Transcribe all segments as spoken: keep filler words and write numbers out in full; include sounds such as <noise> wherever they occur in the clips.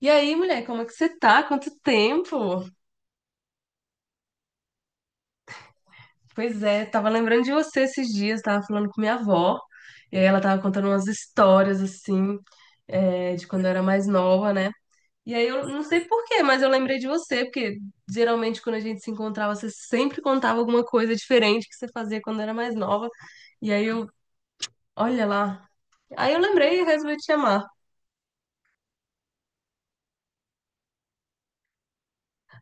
E aí, mulher, como é que você tá? Quanto tempo? Pois é, tava lembrando de você esses dias, tava falando com minha avó, e aí ela tava contando umas histórias assim, é, de quando eu era mais nova, né? E aí eu não sei por quê, mas eu lembrei de você, porque geralmente quando a gente se encontrava, você sempre contava alguma coisa diferente que você fazia quando era mais nova. E aí eu, olha lá. Aí eu lembrei e resolvi te chamar.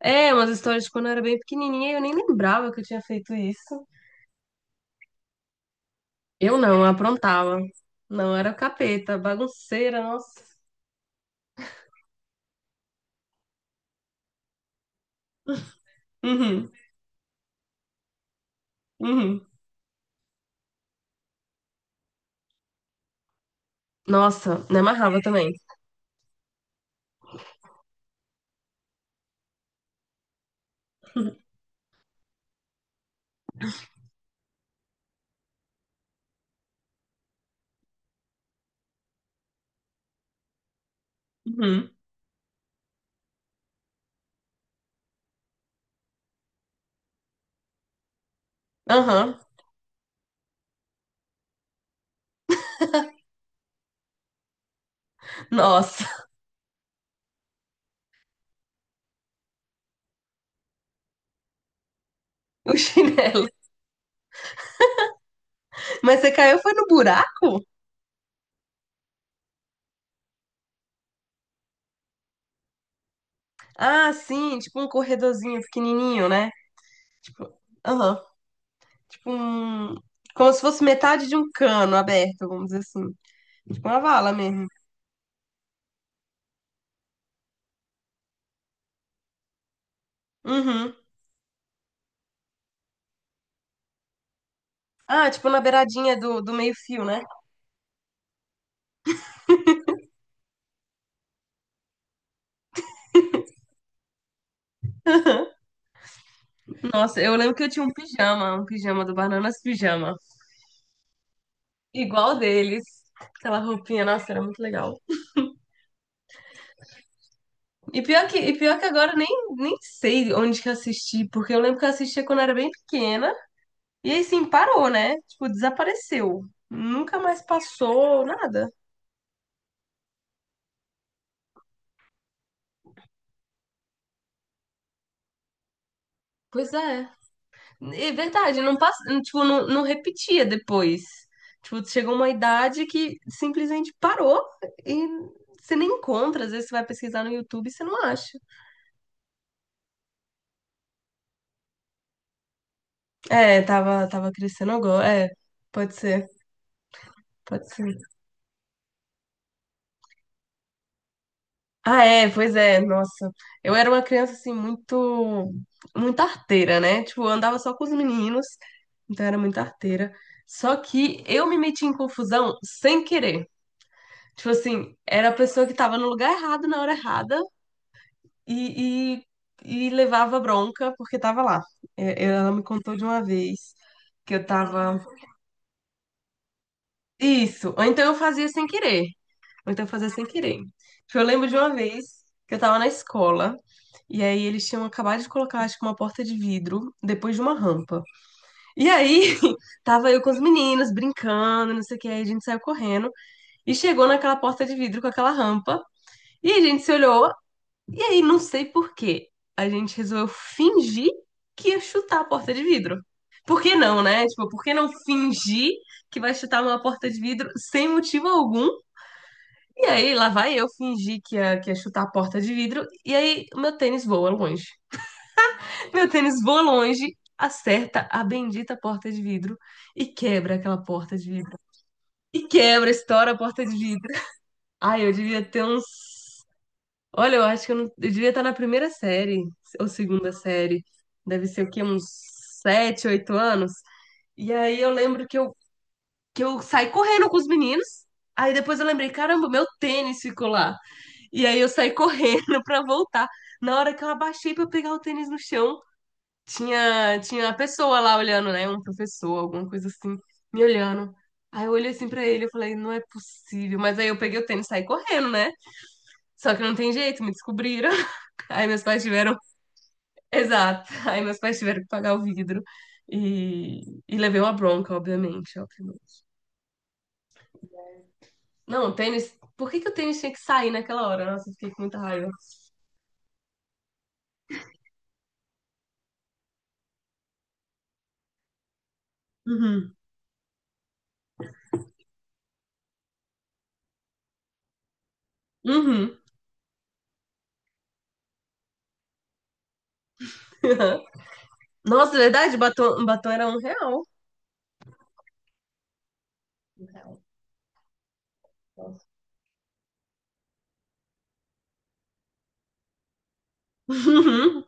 É, umas histórias de quando eu era bem pequenininha, e eu nem lembrava que eu tinha feito isso. Eu não, eu aprontava. Não, era capeta, bagunceira, nossa. Uhum, uhum. Nossa, me amarrava também. Uhum. Aham. Nossa, <laughs> o chinelo. Mas você caiu foi no buraco? Ah, sim, tipo um corredorzinho pequenininho, né? Tipo, aham. Tipo um... Como se fosse metade de um cano aberto, vamos dizer assim. Tipo uma vala mesmo. Uhum. Ah, tipo na beiradinha do, do meio-fio, né? <laughs> Nossa, eu lembro que eu tinha um pijama, um pijama do Bananas Pijama. Igual deles. Aquela roupinha, nossa, era muito legal. E pior que, e pior que agora eu nem, nem sei onde que eu assisti, porque eu lembro que eu assistia quando eu era bem pequena. E aí, sim, parou, né? Tipo, desapareceu. Nunca mais passou nada. Pois é. É verdade, não passa, tipo, não, não repetia depois. Tipo, chegou uma idade que simplesmente parou e você nem encontra. Às vezes você vai pesquisar no YouTube e você não acha. É, tava, tava crescendo agora. É, pode ser, pode ser. Ah, é, pois é, nossa. Eu era uma criança, assim, muito, muito arteira, né? Tipo, eu andava só com os meninos, então era muito arteira. Só que eu me meti em confusão sem querer. Tipo assim, era a pessoa que tava no lugar errado na hora errada e, e, e levava bronca porque tava lá. É, ela me contou de uma vez que eu tava. Isso, ou então eu fazia sem querer. Ou então fazer sem querer. Tipo, eu lembro de uma vez que eu tava na escola, e aí eles tinham acabado de colocar, acho que uma porta de vidro depois de uma rampa. E aí <laughs> tava eu com os meninos brincando, não sei o que, aí a gente saiu correndo e chegou naquela porta de vidro com aquela rampa, e a gente se olhou, e aí não sei por quê, a gente resolveu fingir que ia chutar a porta de vidro. Por que não, né? Tipo, por que não fingir que vai chutar uma porta de vidro sem motivo algum? E aí, lá vai eu fingir que ia, que ia chutar a porta de vidro, e aí o meu tênis voa longe. <laughs> Meu tênis voa longe, acerta a bendita porta de vidro e quebra aquela porta de vidro. E quebra, estoura a porta de vidro. Ai, eu devia ter uns. Olha, eu acho que eu, não... eu devia estar na primeira série, ou segunda série. Deve ser o quê? Uns sete, oito anos. E aí eu lembro que eu, que eu saí correndo com os meninos. Aí depois eu lembrei, caramba, meu tênis ficou lá. E aí eu saí correndo <laughs> pra voltar. Na hora que eu abaixei pra pegar o tênis no chão, tinha, tinha uma pessoa lá olhando, né? Um professor, alguma coisa assim, me olhando. Aí eu olhei assim pra ele, eu falei, não é possível. Mas aí eu peguei o tênis e saí correndo, né? Só que não tem jeito, me descobriram. <laughs> Aí meus pais tiveram. Exato. Aí meus pais tiveram que pagar o vidro. E, e levei uma bronca, obviamente, obviamente. Não, o tênis. Por que que o tênis tinha que sair naquela hora? Nossa, eu fiquei com muita raiva. Uhum. Uhum. Aham. Nossa, é verdade, batom, batom era um real. Um real. Nossa. Uhum.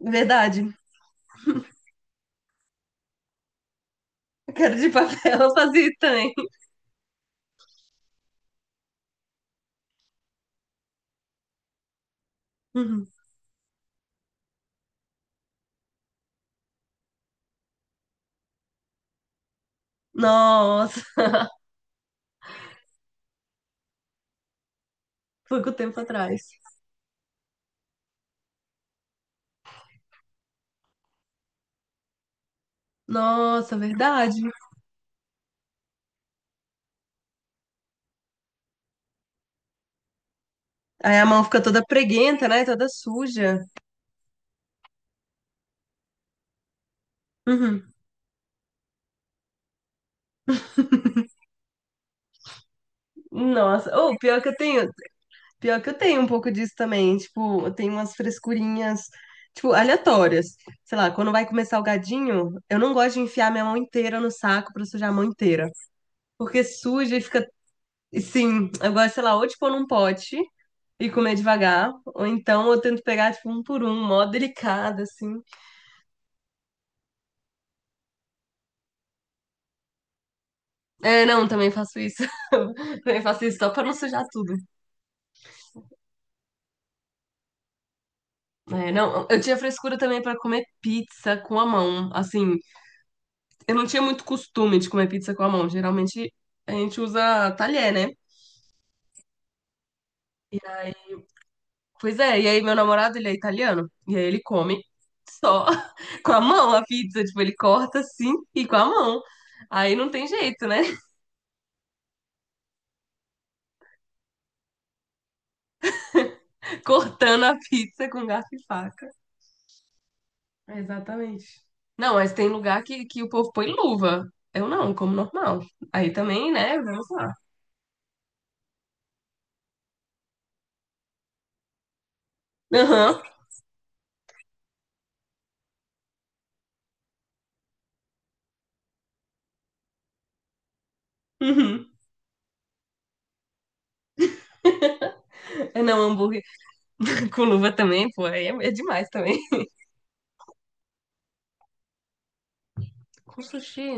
Verdade. Quero de papel eu fazia também. Uhum. Nossa, foi com o tempo atrás. Nossa, verdade. Aí a mão fica toda preguenta, né? Toda suja. Uhum. Nossa, ou pior que eu tenho, pior que eu tenho um pouco disso também. Tipo, eu tenho umas frescurinhas, tipo, aleatórias. Sei lá, quando vai comer salgadinho, eu não gosto de enfiar minha mão inteira no saco pra sujar a mão inteira. Porque suja e fica sim, eu gosto, sei lá, ou tipo num pote e comer devagar, ou então eu tento pegar, tipo, um por um, mó delicado, assim. É, não, também faço isso. <laughs> Também faço isso só pra não sujar tudo. É, não, eu tinha frescura também pra comer pizza com a mão. Assim, eu não tinha muito costume de comer pizza com a mão. Geralmente a gente usa talher, né? Pois é, e aí meu namorado, ele é italiano, e aí ele come só <laughs> com a mão a pizza. Tipo, ele corta assim e com a mão. Aí não tem jeito, né? Cortando a pizza com garfo e faca. Exatamente. Não, mas tem lugar que, que o povo põe luva. Eu não, como normal. Aí também, né? Vamos lá. Aham. Uhum. É, não, hambúrguer <laughs> com luva também, pô. Aí é, é demais também. Com sushi.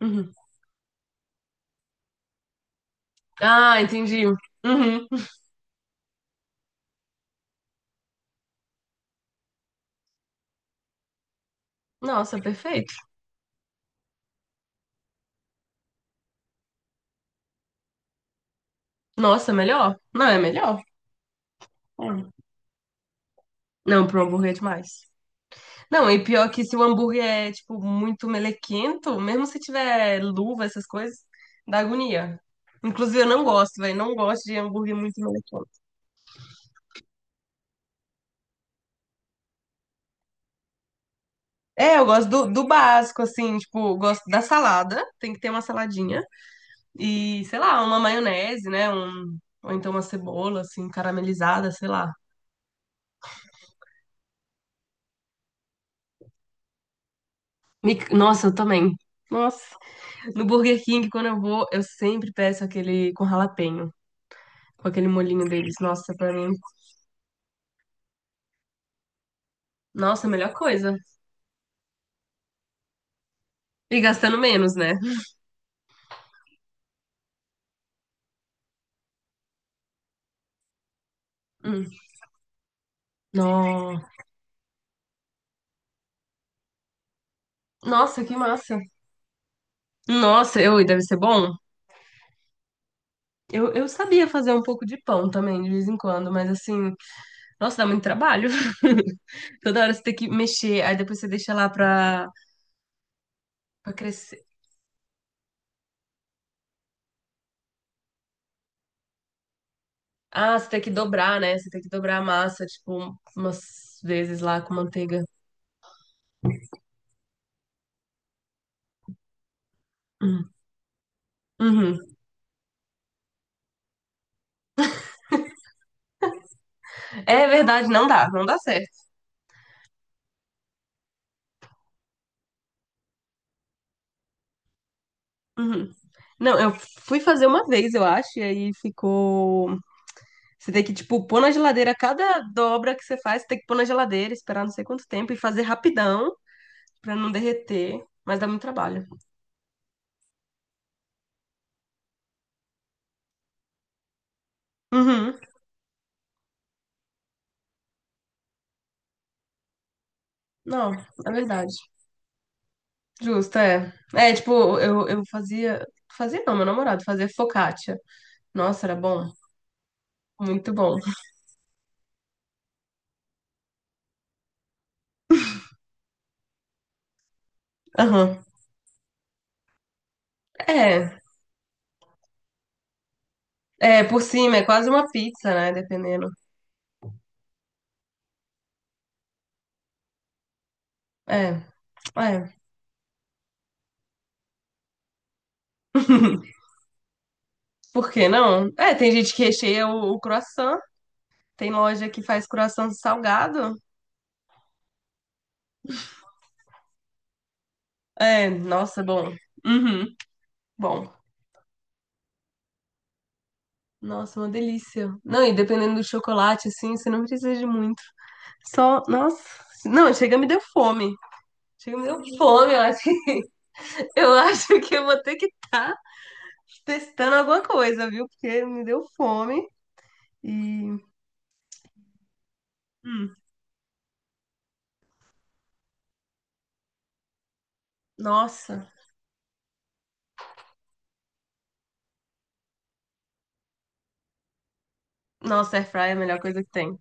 Uhum. Ah, entendi. Uhum. Nossa, perfeito. Nossa, melhor? Não, é melhor. Hum. Não, pro hambúrguer é demais. Não, e pior que se o hambúrguer é, tipo, muito melequento, mesmo se tiver luva, essas coisas, dá agonia. Inclusive, eu não gosto, velho. Não gosto de hambúrguer muito melequento. É, eu gosto do, do básico, assim, tipo, eu gosto da salada, tem que ter uma saladinha. E, sei lá, uma maionese, né? Um, ou então uma cebola, assim, caramelizada, sei lá. Me- nossa, eu também. Nossa. No Burger King, quando eu vou, eu sempre peço aquele com jalapeño, com aquele molhinho deles. Nossa, pra mim. Nossa, a melhor coisa. E gastando menos, né? Hum. No- nossa, que massa. Nossa, eu, e deve ser bom. Eu, eu sabia fazer um pouco de pão também, de vez em quando, mas assim, nossa, dá muito trabalho. <laughs> Toda hora você tem que mexer, aí depois você deixa lá pra, pra crescer. Ah, você tem que dobrar, né? Você tem que dobrar a massa, tipo, umas vezes lá com manteiga. Hum. Uhum. É verdade, não dá, não dá certo. Uhum. Não, eu fui fazer uma vez, eu acho, e aí ficou. Você tem que, tipo, pôr na geladeira cada dobra que você faz, você tem que pôr na geladeira, esperar não sei quanto tempo e fazer rapidão pra não derreter, mas dá muito trabalho. Uhum. Não, é verdade. Justo, é. É, tipo, eu, eu fazia. Fazia não, meu namorado fazia focaccia. Nossa, era bom. Muito bom. Aham. É, é, por cima, é quase uma pizza, né? Dependendo. É, é. Por que não? É, tem gente que recheia o, o croissant. Tem loja que faz croissant salgado. É, nossa, é bom. Uhum. Bom, nossa, uma delícia. Não, e dependendo do chocolate, assim, você não precisa de muito. Só, nossa. Não, chega, me deu fome. Chega, me deu fome. Eu acho que, <laughs> eu acho que eu vou ter que estar testando alguma coisa, viu? Porque me deu fome. E. Hum, nossa. Nossa, airfryer é a melhor coisa que tem.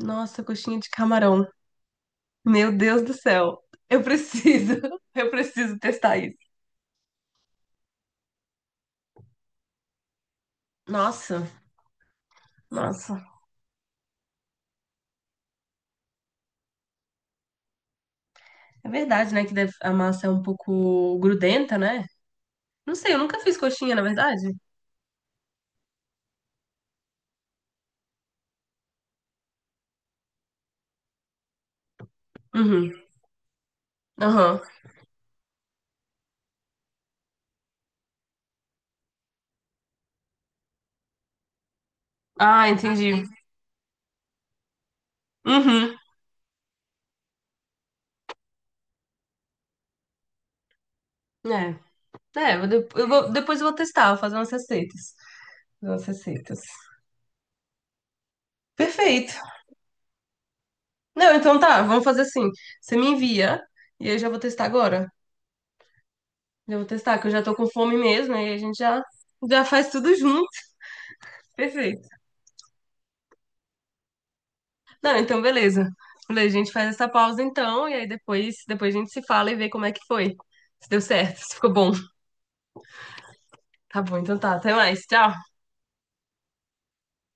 Nossa, coxinha de camarão. Meu Deus do céu. Eu preciso. <laughs> Eu preciso testar isso. Nossa, nossa. É verdade, né? Que deve- a massa é um pouco grudenta, né? Não sei, eu nunca fiz coxinha, na verdade. Uhum. Aham. Ah, entendi. Uhum. É. É, eu de- eu vou- depois eu vou testar, vou fazer umas receitas. Fazer umas receitas. Perfeito. Não, então tá, vamos fazer assim. Você me envia e eu já vou testar agora. Já vou testar, que eu já tô com fome mesmo, aí a gente já, já faz tudo junto. Perfeito. Não, então beleza. Beleza, a gente faz essa pausa então, e aí depois, depois a gente se fala e vê como é que foi. Se deu certo, se ficou bom. Tá bom, então tá. Até mais. Tchau.